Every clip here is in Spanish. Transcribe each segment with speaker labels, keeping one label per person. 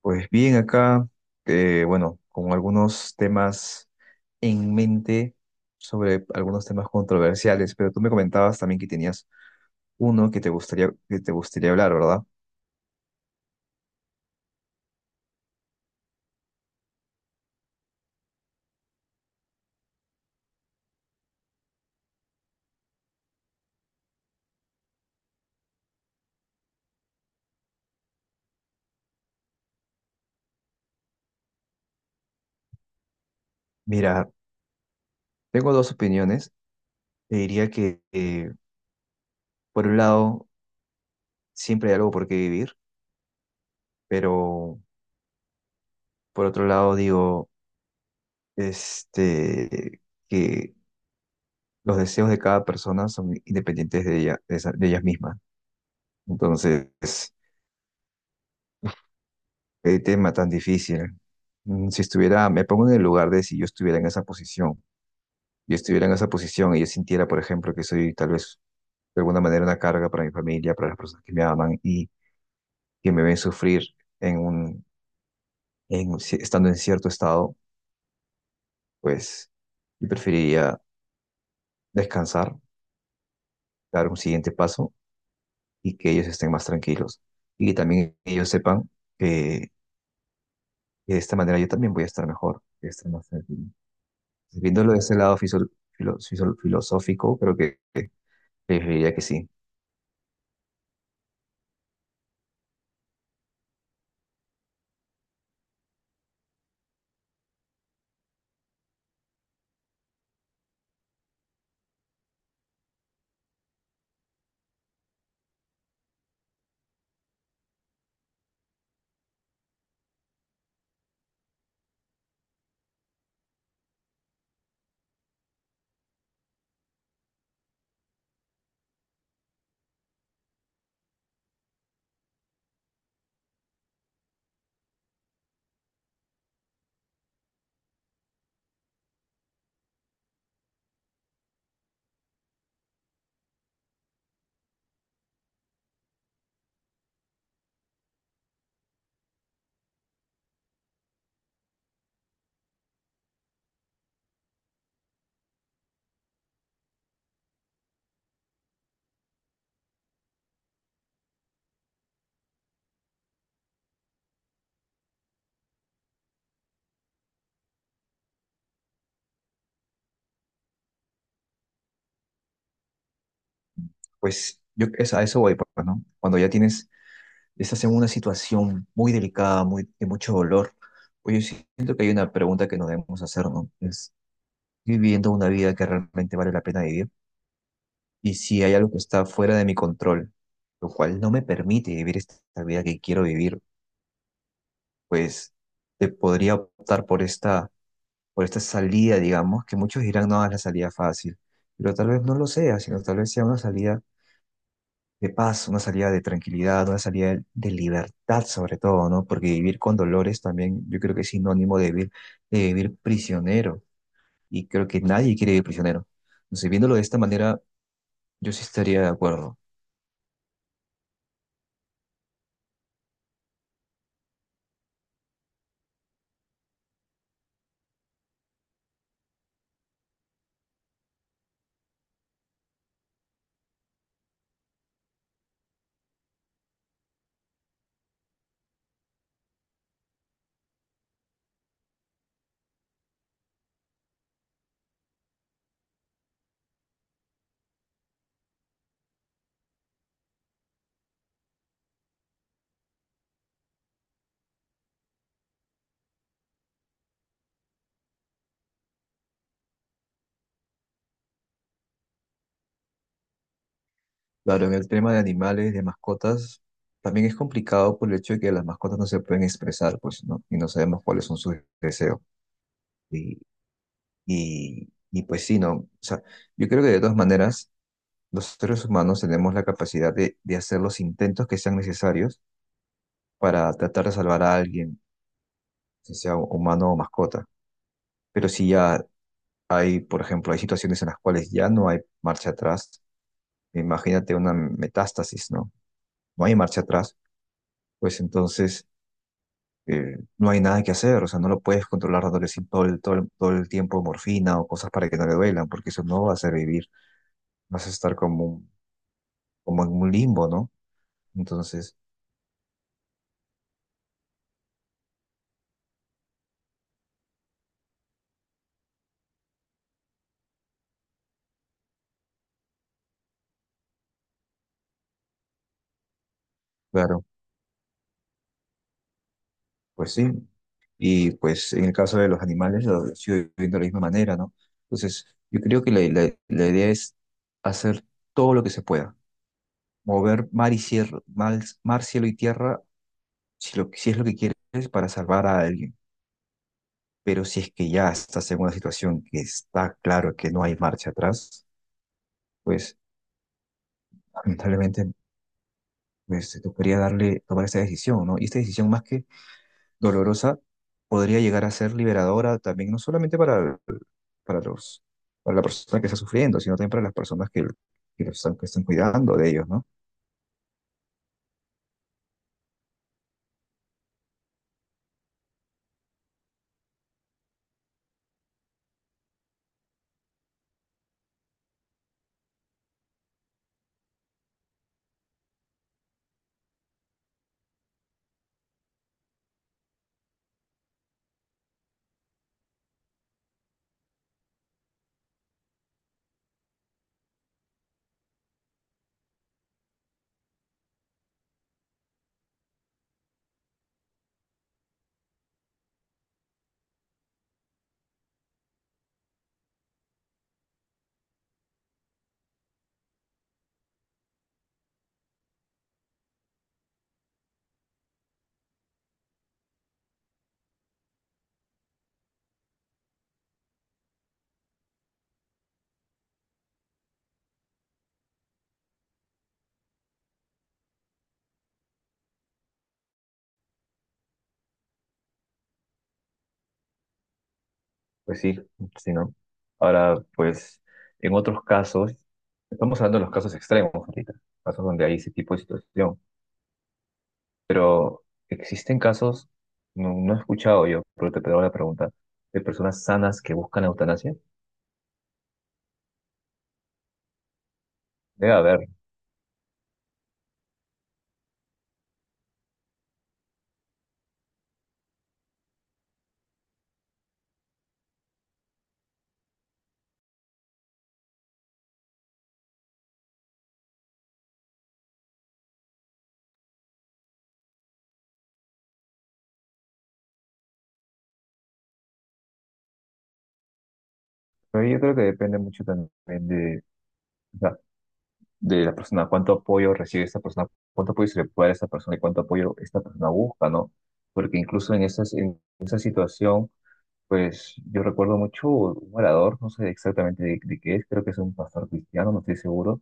Speaker 1: Pues bien, acá, bueno, con algunos temas en mente sobre algunos temas controversiales, pero tú me comentabas también que tenías uno que te gustaría hablar, ¿verdad? Mira, tengo dos opiniones. Te diría que, por un lado, siempre hay algo por qué vivir, pero por otro lado, digo, este, que los deseos de cada persona son independientes de ella, de ellas mismas. Entonces, qué tema tan difícil. Si estuviera, me pongo en el lugar de, si yo estuviera en esa posición, y yo sintiera, por ejemplo, que soy tal vez de alguna manera una carga para mi familia, para las personas que me aman y que me ven sufrir en un, estando en cierto estado, pues yo preferiría descansar, dar un siguiente paso y que ellos estén más tranquilos y que también ellos sepan que de esta manera yo también voy a estar mejor, voy a estar más tranquilo. Viéndolo de ese lado filosófico, creo que, que diría que sí. A eso voy, pues, ¿no? Cuando ya tienes, estás en una situación muy delicada, muy, de mucho dolor, pues yo siento que hay una pregunta que nos debemos hacer, ¿no? Es, ¿estoy viviendo una vida que realmente vale la pena vivir? Y si hay algo que está fuera de mi control, lo cual no me permite vivir esta vida que quiero vivir, pues te podría optar por esta salida, digamos, que muchos dirán, no, es la salida fácil, pero tal vez no lo sea, sino tal vez sea una salida de paz, una salida de tranquilidad, una salida de libertad sobre todo, ¿no? Porque vivir con dolores también yo creo que es sinónimo de vivir prisionero, y creo que nadie quiere vivir prisionero. Entonces, viéndolo de esta manera, yo sí estaría de acuerdo. Claro, en el tema de animales, de mascotas, también es complicado por el hecho de que las mascotas no se pueden expresar, pues, ¿no? Y no sabemos cuáles son sus deseos. Y, pues sí, ¿no? O sea, yo creo que de todas maneras, los seres humanos tenemos la capacidad de hacer los intentos que sean necesarios para tratar de salvar a alguien, que sea humano o mascota. Pero si ya hay, por ejemplo, hay situaciones en las cuales ya no hay marcha atrás, imagínate una metástasis, ¿no? No hay marcha atrás, pues entonces, no hay nada que hacer, o sea, no lo puedes controlar dándole todo el, todo el tiempo morfina o cosas para que no le duelan, porque eso no va a hacer vivir, vas a estar como un como en un limbo, ¿no? Entonces, claro, pues sí. Y pues en el caso de los animales lo sigo viendo de la misma manera, ¿no? Entonces, yo creo que la, la idea es hacer todo lo que se pueda, mover mar y cielo, cielo y tierra, si, lo, si es lo que quieres, para salvar a alguien. Pero si es que ya estás en una situación que está claro que no hay marcha atrás, pues lamentablemente pues, te tocaría darle, tomar esa decisión, ¿no? Y esta decisión más que dolorosa podría llegar a ser liberadora también, no solamente para los, para la persona que está sufriendo, sino también para las personas que los están, que están cuidando de ellos, ¿no? Pues sí, sí, ¿no? Ahora, pues, en otros casos, estamos hablando de los casos extremos ahorita, casos donde hay ese tipo de situación, pero existen casos, no, no he escuchado yo, pero te hago la pregunta, de personas sanas que buscan eutanasia. Debe haber, pero yo creo que depende mucho también de, o sea, de la persona, cuánto apoyo recibe esta persona, cuánto apoyo se le puede dar a esta persona y cuánto apoyo esta persona busca, ¿no? Porque incluso en esas, en esa situación, pues yo recuerdo mucho un orador, no sé exactamente de qué es, creo que es un pastor cristiano, no estoy seguro,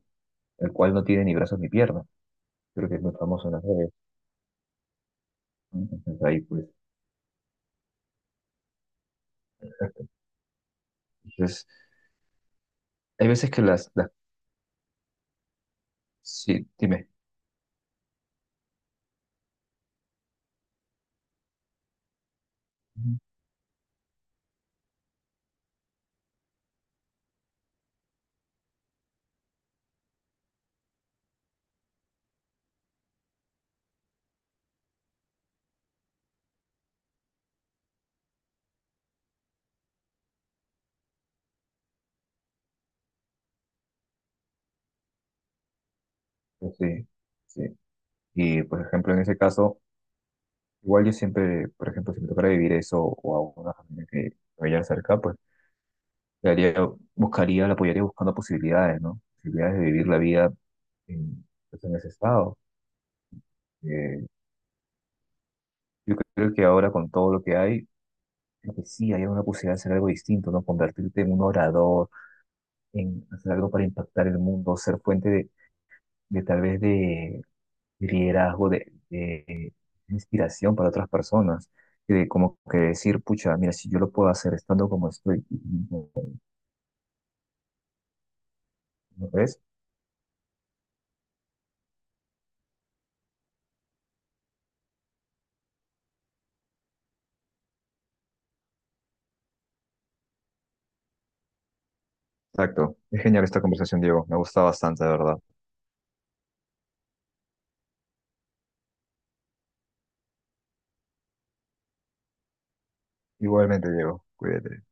Speaker 1: el cual no tiene ni brazos ni piernas, creo que es muy famoso en las redes, ¿no? Entonces ahí pues, entonces, hay veces que las, sí, dime. Ujú. Sí, sí, y por ejemplo en ese caso, igual yo siempre, por ejemplo, si me tocara vivir eso o a una familia que me vaya cerca, pues le haría- buscaría, la apoyaría buscando posibilidades, ¿no? Posibilidades de vivir la vida en, pues, en ese estado. Eh, yo creo que ahora con todo lo que hay, creo que sí hay una posibilidad de hacer algo distinto, ¿no? Convertirte en un orador, en hacer algo para impactar el mundo, ser fuente de tal vez de liderazgo, de inspiración para otras personas. Y de como que decir, pucha, mira, si yo lo puedo hacer estando como estoy, ¿no ves? Exacto. Es genial esta conversación, Diego. Me gusta bastante, de verdad. Igualmente, Diego, cuídate.